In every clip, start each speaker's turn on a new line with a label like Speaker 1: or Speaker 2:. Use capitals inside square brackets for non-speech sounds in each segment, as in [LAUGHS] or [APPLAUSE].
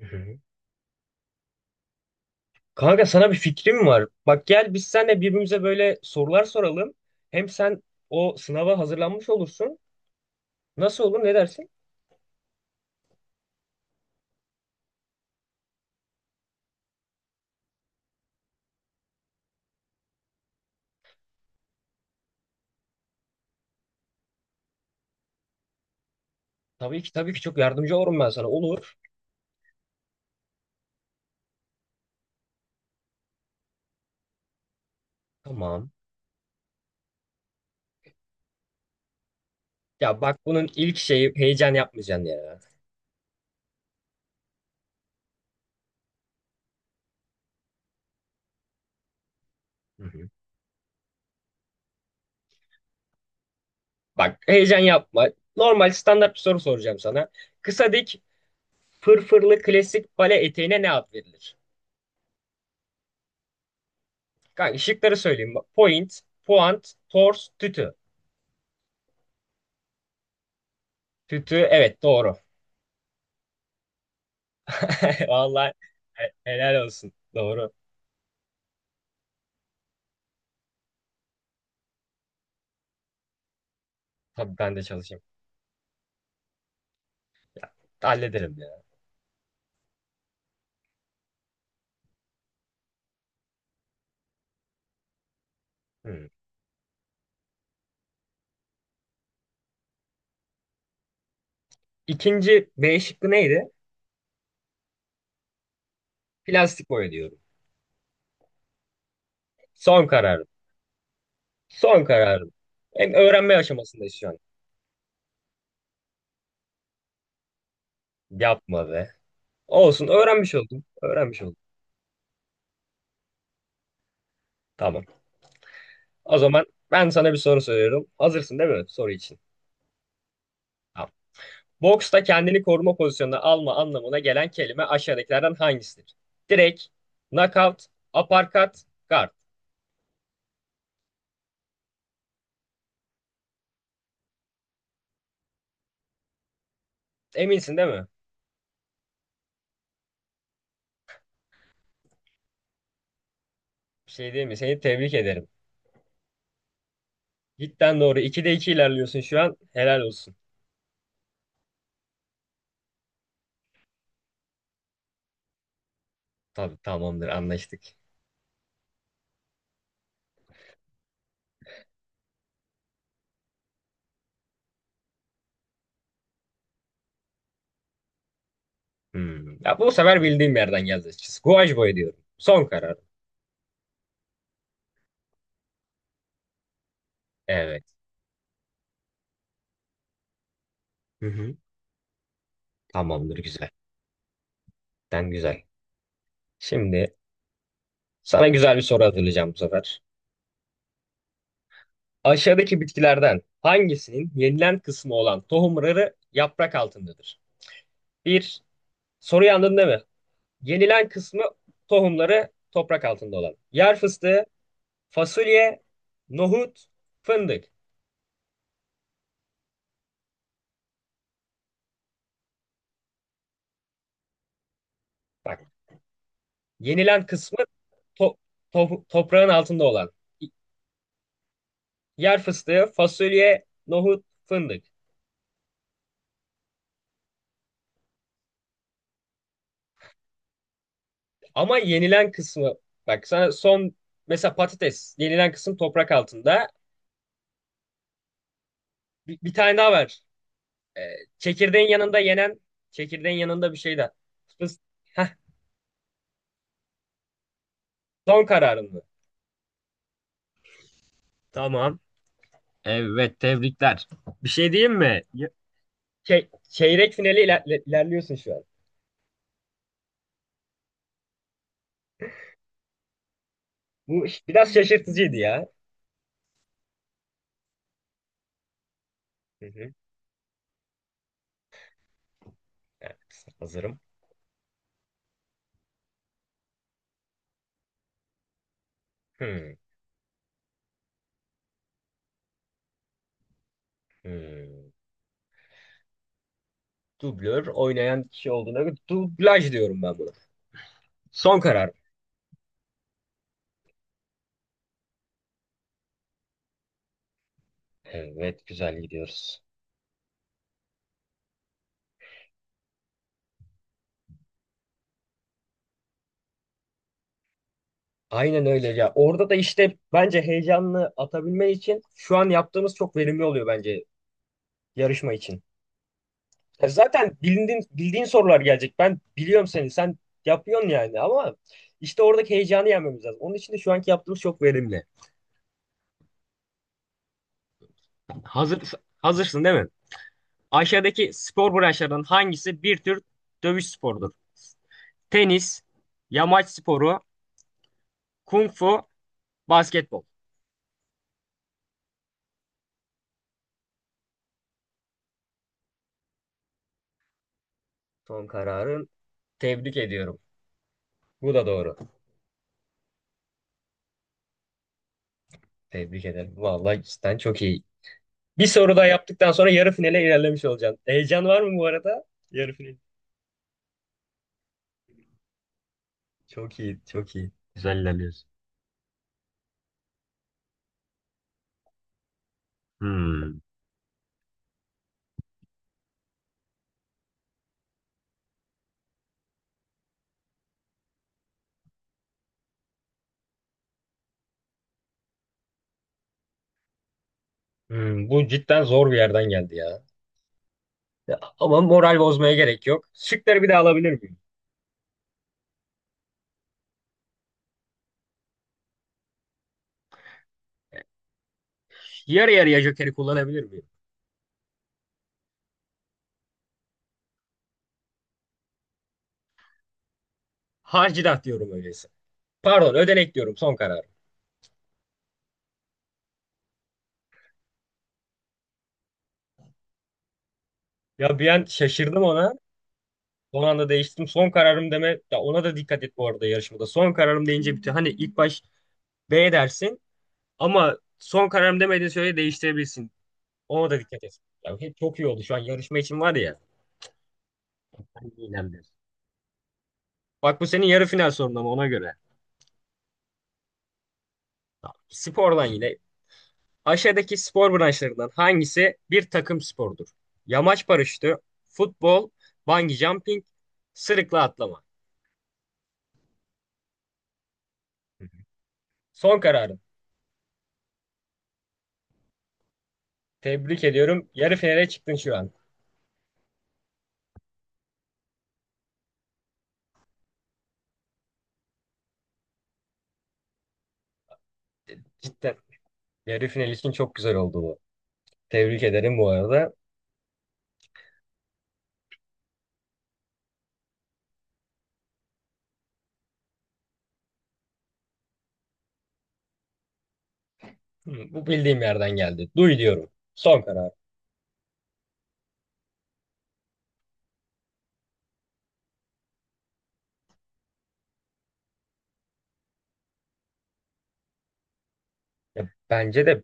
Speaker 1: Hı hı. Kanka, sana bir fikrim var. Bak, gel biz seninle birbirimize böyle sorular soralım. Hem sen o sınava hazırlanmış olursun. Nasıl olur, ne dersin? Tabii ki, tabii ki çok yardımcı olurum ben sana. Olur. Tamam. Ya bak, bunun ilk şeyi heyecan yapmayacaksın ya. Hı hı. Bak, heyecan yapma. Normal standart bir soru soracağım sana. Kısa, dik, fırfırlı klasik bale eteğine ne ad verilir? Kanka, şıkları söyleyeyim. Point, puant, tors, tütü. Tütü, evet, doğru. [LAUGHS] Vallahi, helal olsun. Doğru. Tabii ben de çalışayım. Hallederim ya. Hmm. İkinci B şıkkı neydi? Plastik boya diyorum. Son kararım. Son kararım. Hem öğrenme aşamasındayız şu an. Yapma be. Olsun, öğrenmiş oldum. Öğrenmiş oldum. Tamam. O zaman ben sana bir soru soruyorum. Hazırsın değil mi soru için? Tamam. Boksta kendini koruma pozisyonuna alma anlamına gelen kelime aşağıdakilerden hangisidir? Direkt, knockout, uppercut, guard. Eminsin değil mi? Bir şey diyeyim mi? Seni tebrik ederim. Cidden doğru. 2'de 2 ilerliyorsun şu an. Helal olsun. Tabii, tamamdır, anlaştık. Hmm. Ya bu sefer bildiğim yerden geldi açıkçası. Guaj boy diyorum. Son karar. Evet. Hı hı. Tamamdır, güzel. Cidden güzel. Şimdi sana güzel bir soru hazırlayacağım bu sefer. Aşağıdaki bitkilerden hangisinin yenilen kısmı olan tohumları yaprak altındadır? Bir, soruyu anladın değil mi? Yenilen kısmı, tohumları toprak altında olan. Yer fıstığı, fasulye, nohut, fındık. Bak, yenilen kısmı to- toprağın altında olan. Yer fıstığı, fasulye, nohut, fındık. Ama yenilen kısmı, bak sana son, mesela patates, yenilen kısım toprak altında. Bir, bir tane daha var. Ee, Çekirdeğin yanında yenen, çekirdeğin yanında bir şey daha. Fıs- Heh, son kararın mı? Tamam. Evet, tebrikler. Bir şey diyeyim mi? Çeyrek finali ilerliyorsun şu an. Bu biraz şaşırtıcıydı ya. Hı hı. Evet, hazırım. Hmm, hmm. Dublör oynayan kişi olduğuna göre dublaj diyorum ben buna. Son karar. Evet, güzel gidiyoruz. Aynen öyle ya. Orada da işte bence heyecanını atabilmen için şu an yaptığımız çok verimli oluyor bence yarışma için. Ya zaten bildiğin sorular gelecek. Ben biliyorum seni. Sen yapıyorsun yani, ama işte oradaki heyecanı yenmemiz lazım. Onun için de şu anki yaptığımız çok verimli. Hazır, Hazırsın değil mi? Aşağıdaki spor branşlarının hangisi bir tür dövüş sporudur? Tenis, yamaç sporu, kung fu, basketbol. Son kararın. Tebrik ediyorum. Bu da doğru. Tebrik ederim. Vallahi, cidden çok iyi. Bir soru daha yaptıktan sonra yarı finale ilerlemiş olacaksın. Heyecan var mı bu arada? Yarı final. Çok iyi, çok iyi. Güzel ilerliyorsun. Hmm. Hmm, bu cidden zor bir yerden geldi ya. Ya, ama moral bozmaya gerek yok. Şıkları bir daha alabilir miyim? Yarı yarıya jokeri kullanabilir miyim? Hacilat diyorum öyleyse. Pardon, ödenek diyorum, son kararım. Ya bir an şaşırdım ona. Son anda değiştim. Son kararım deme. Ya ona da dikkat et bu arada yarışmada. Son kararım deyince bütün, hani ilk baş B dersin ama son kararım demediğin sürece değiştirebilirsin. Ona da dikkat et. Ya hep çok iyi oldu şu an yarışma için var ya. Hani iğnemdir. Bak, bu senin yarı final sorun, ama ona göre. Ya, spordan yine. Aşağıdaki spor branşlarından hangisi bir takım sporudur? Yamaç paraşütü, futbol, bungee jumping, sırıkla atlama. Son kararın. Tebrik ediyorum. Yarı finale çıktın şu an. Cidden. Yarı final için çok güzel oldu bu. Tebrik ederim bu arada. Hı, bu bildiğim yerden geldi. Duy diyorum. Son karar. Ya, bence de.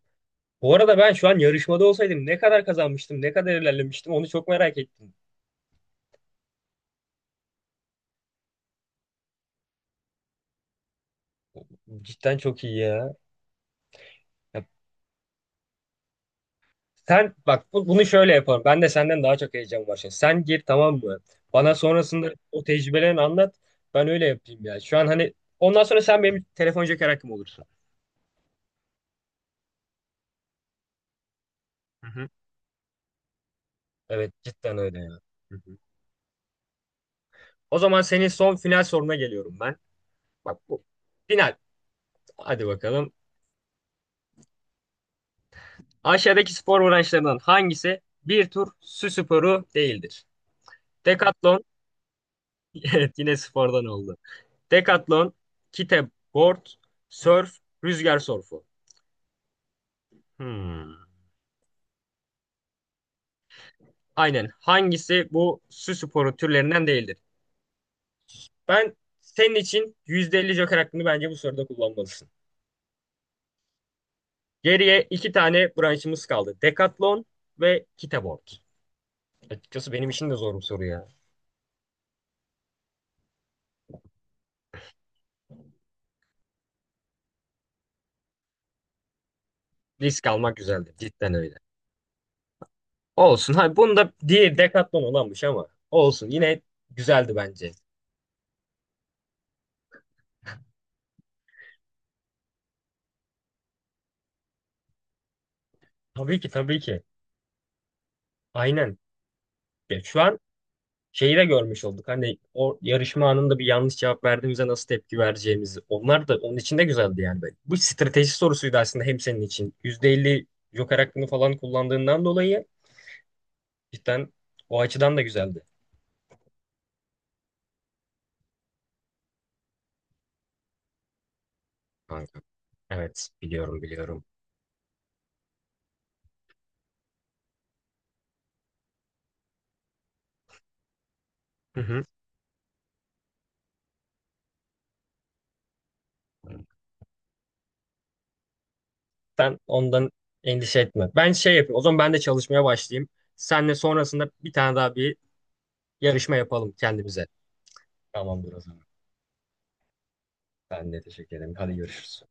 Speaker 1: Bu arada ben şu an yarışmada olsaydım ne kadar kazanmıştım, ne kadar ilerlemiştim, onu çok merak ettim. Cidden çok iyi ya. Ya, sen bak bunu şöyle yapalım. Ben de senden daha çok heyecan var şimdi. Sen gir, tamam mı? Bana sonrasında o tecrübelerini anlat. Ben öyle yapayım ya. Şu an hani ondan sonra sen benim telefon joker hakkım olursun. Hı hı. Evet, cidden öyle ya. Hı hı. O zaman senin son final soruna geliyorum ben. Bak, bu final. Hadi bakalım. Aşağıdaki spor branşlarından hangisi bir tur su sporu değildir? Decathlon, [LAUGHS] evet, yine spordan oldu. Decathlon, kiteboard, surf, rüzgar surfu. Hmm. Aynen. Hangisi bu su sporu türlerinden değildir? Ben senin için %50 joker hakkını bence bu soruda kullanmalısın. Geriye iki tane branşımız kaldı. Decathlon ve kiteboard. Açıkçası benim için de zor bir soru ya. Risk almak güzeldi. Cidden öyle. Olsun. Hani bunu da diye Decathlon olanmış, ama olsun. Yine güzeldi bence. Tabii ki, tabii ki. Aynen. Ya şu an şeyi de görmüş olduk. Hani o yarışma anında bir yanlış cevap verdiğimizde nasıl tepki vereceğimizi. Onlar da onun için de güzeldi yani. Böyle. Bu strateji sorusuydu aslında hem senin için. %50 joker hakkını falan kullandığından dolayı cidden o açıdan da güzeldi. Kanka. Evet, biliyorum, biliyorum. Hı hı. Sen ondan endişe etme. Ben şey yapayım. O zaman ben de çalışmaya başlayayım. Senle sonrasında bir tane daha bir yarışma yapalım kendimize. Tamamdır o zaman. Ben de teşekkür ederim. Hadi, görüşürüz.